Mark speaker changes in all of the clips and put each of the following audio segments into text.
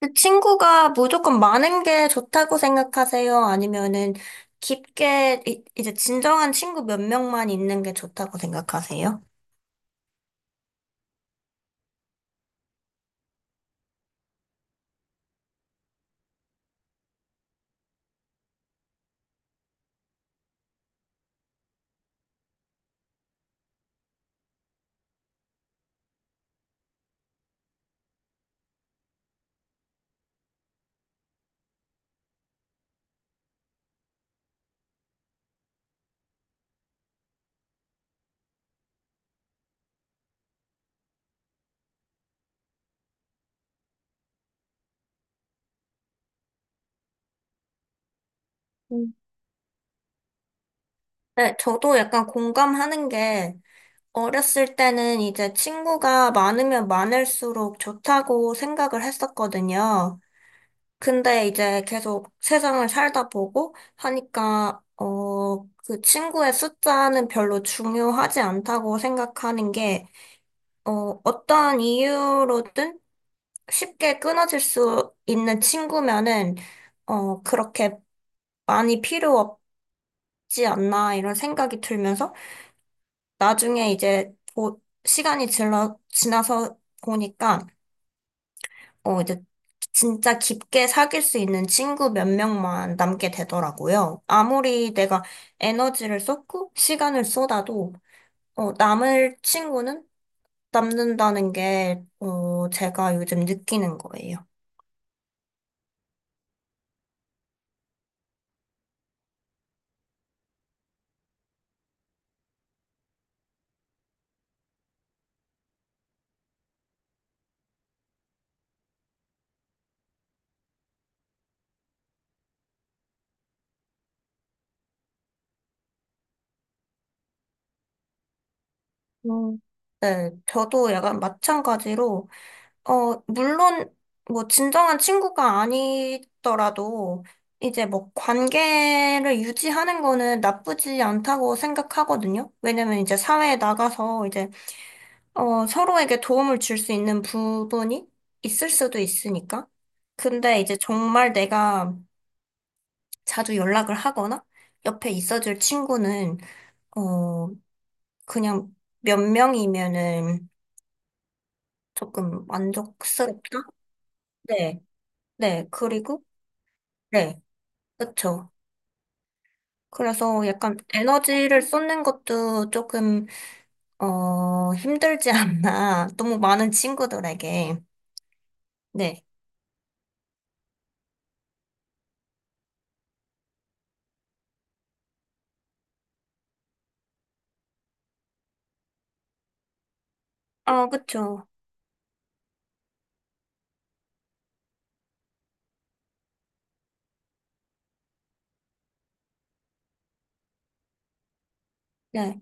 Speaker 1: 그 친구가 무조건 많은 게 좋다고 생각하세요? 아니면은 깊게 이제 진정한 친구 몇 명만 있는 게 좋다고 생각하세요? 음. 네, 저도 약간 공감하는 게 어렸을 때는 이제 친구가 많으면 많을수록 좋다고 생각을 했었거든요. 근데 이제 계속 세상을 살다 보고 하니까 그 친구의 숫자는 별로 중요하지 않다고 생각하는 게, 어떠한 이유로든 쉽게 끊어질 수 있는 친구면은, 그렇게 많이 필요 없지 않나, 이런 생각이 들면서, 나중에 이제, 시간이 지나서 보니까, 어, 이제, 진짜 깊게 사귈 수 있는 친구 몇 명만 남게 되더라고요. 아무리 내가 에너지를 쏟고, 시간을 쏟아도, 남을 친구는 남는다는 게, 제가 요즘 느끼는 거예요. 음. 네, 저도 약간 마찬가지로, 물론, 뭐, 진정한 친구가 아니더라도, 이제 뭐, 관계를 유지하는 거는 나쁘지 않다고 생각하거든요. 왜냐면 이제 사회에 나가서 이제, 서로에게 도움을 줄 수 있는 부분이 있을 수도 있으니까. 근데 이제 정말 내가 자주 연락을 하거나, 옆에 있어줄 친구는, 어, 그냥 몇 명이면은, 조금 만족스럽다? 네, 네, 그리고, 네, 그쵸. 그래서 약간 에너지를 쏟는 것도 조금, 힘들지 않나. 너무 많은 친구들에게. 네. 아, 그쵸. 네.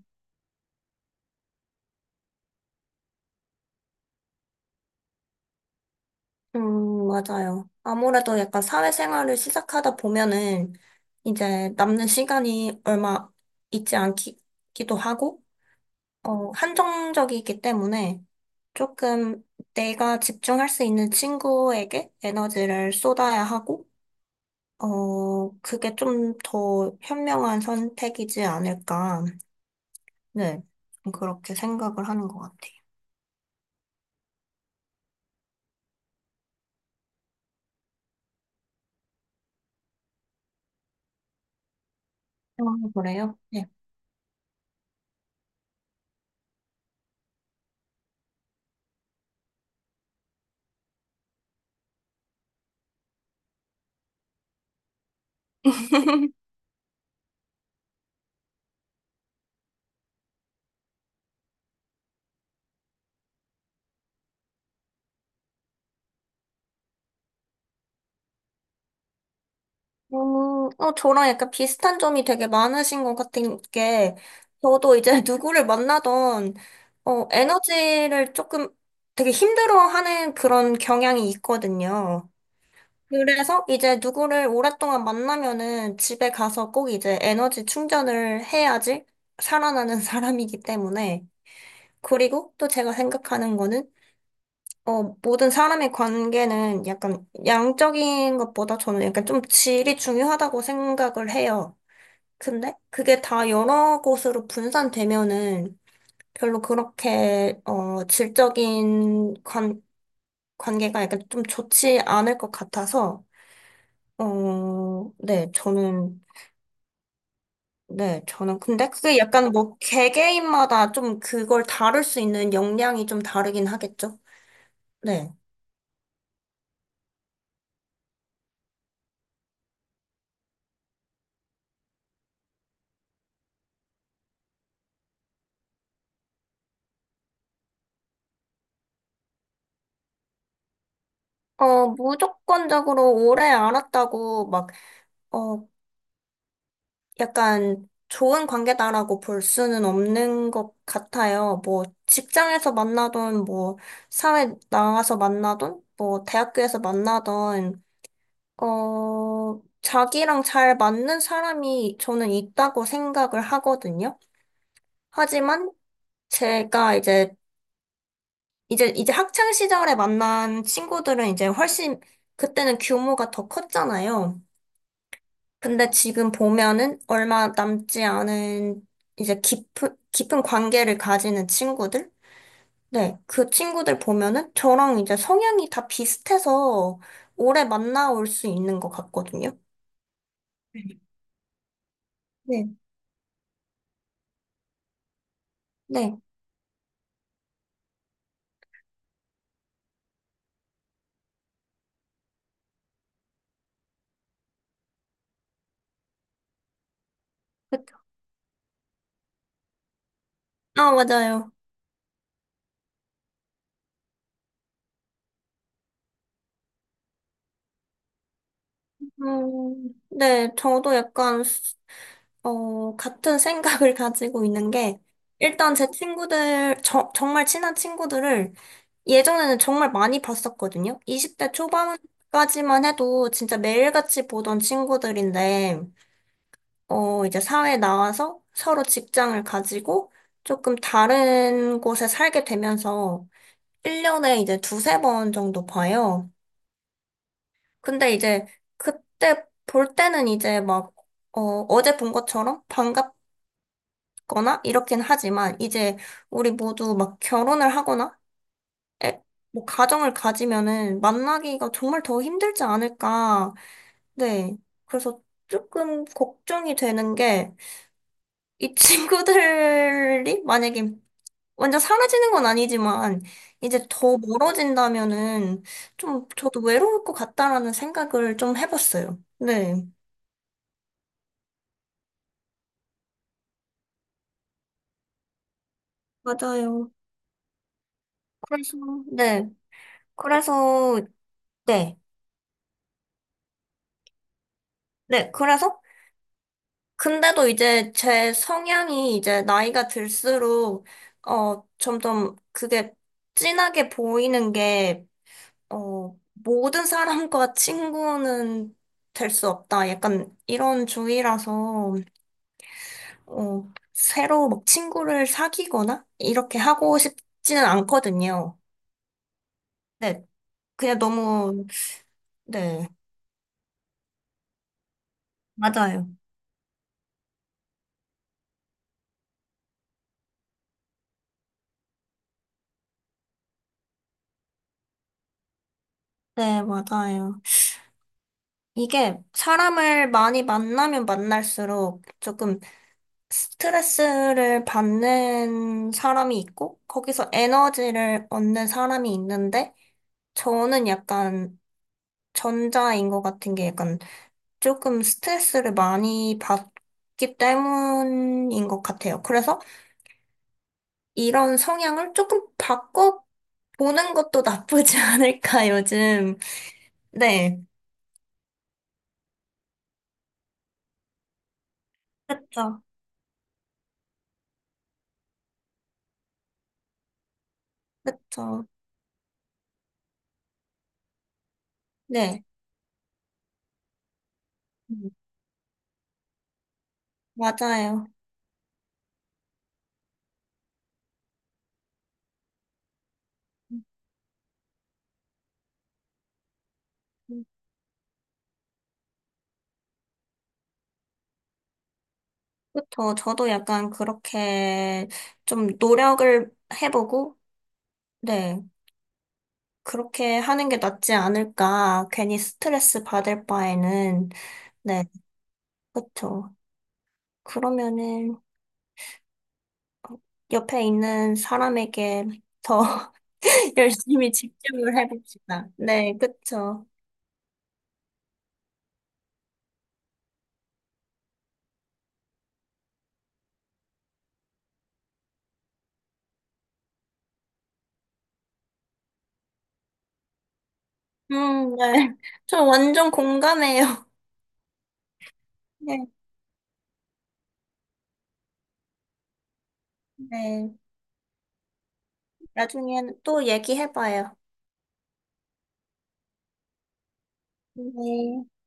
Speaker 1: 맞아요. 아무래도 약간 사회생활을 시작하다 보면은 이제 남는 시간이 얼마 있지 않기도 하고, 한정적이기 때문에 조금 내가 집중할 수 있는 친구에게 에너지를 쏟아야 하고, 그게 좀 더 현명한 선택이지 않을까. 네, 좀 그렇게 생각을 하는 것 같아요. 아, 그래요? 네. 음, 저랑 약간 비슷한 점이 되게 많으신 것 같은 게, 저도 이제 누구를 만나던, 에너지를 조금 되게 힘들어하는 그런 경향이 있거든요. 그래서 이제 누구를 오랫동안 만나면은 집에 가서 꼭 이제 에너지 충전을 해야지 살아나는 사람이기 때문에. 그리고 또 제가 생각하는 거는, 모든 사람의 관계는 약간 양적인 것보다 저는 약간 좀 질이 중요하다고 생각을 해요. 근데 그게 다 여러 곳으로 분산되면은 별로 그렇게, 질적인 관계가 약간 좀 좋지 않을 것 같아서, 네, 저는 근데 그게 약간 뭐 개개인마다 좀 그걸 다룰 수 있는 역량이 좀 다르긴 하겠죠? 네. 무조건적으로 오래 알았다고 막, 어, 약간 좋은 관계다라고 볼 수는 없는 것 같아요. 뭐 직장에서 만나던 뭐 사회 나와서 만나던 뭐 대학교에서 만나던 자기랑 잘 맞는 사람이 저는 있다고 생각을 하거든요. 하지만 제가 이제 학창 시절에 만난 친구들은 이제 훨씬, 그때는 규모가 더 컸잖아요. 근데 지금 보면은 얼마 남지 않은 이제 깊은, 깊은 관계를 가지는 친구들? 네, 그 친구들 보면은 저랑 이제 성향이 다 비슷해서 오래 만나올 수 있는 것 같거든요. 네, 네. 그- 아, 맞아요. 네, 저도 약간 같은 생각을 가지고 있는 게, 일단 제 친구들, 정말 친한 친구들을 예전에는 정말 많이 봤었거든요. 20대 초반까지만 해도 진짜 매일같이 보던 친구들인데, 이제 사회에 나와서 서로 직장을 가지고 조금 다른 곳에 살게 되면서 1년에 이제 2, 3번 정도 봐요. 근데 이제 그때 볼 때는 이제 막, 어, 어제 본 것처럼 반갑 거나 이렇긴 하지만 이제 우리 모두 막 결혼을 하거나 에, 뭐 가정을 가지면은 만나기가 정말 더 힘들지 않을까. 네. 그래서 조금 걱정이 되는 게 이 친구들이 만약에 완전 사라지는 건 아니지만 이제 더 멀어진다면은 좀 저도 외로울 것 같다라는 생각을 좀 해봤어요. 네. 맞아요. 그래서 네. 그래서 네. 네. 그래서 근데도 이제 제 성향이 이제 나이가 들수록, 점점 그게 진하게 보이는 게, 모든 사람과 친구는 될 수 없다. 약간 이런 주의라서, 새로 막 친구를 사귀거나 이렇게 하고 싶지는 않거든요. 네, 그냥 너무, 네, 맞아요. 네, 맞아요. 이게 사람을 많이 만나면 만날수록 조금 스트레스를 받는 사람이 있고, 거기서 에너지를 얻는 사람이 있는데, 저는 약간 전자인 것 같은 게 약간 조금 스트레스를 많이 받기 때문인 것 같아요. 그래서 이런 성향을 조금 바꿔 보는 것도 나쁘지 않을까, 요즘. 네. 그쵸. 그쵸. 네. 음, 맞아요. 그쵸. 저도 약간 그렇게 좀 노력을 해보고, 네. 그렇게 하는 게 낫지 않을까. 괜히 스트레스 받을 바에는, 네. 그쵸. 그러면은 옆에 있는 사람에게 더 열심히 집중을 해봅시다. 네. 그쵸. 네. 저 완전 공감해요. 네. 네. 나중에 또 얘기해봐요. 네.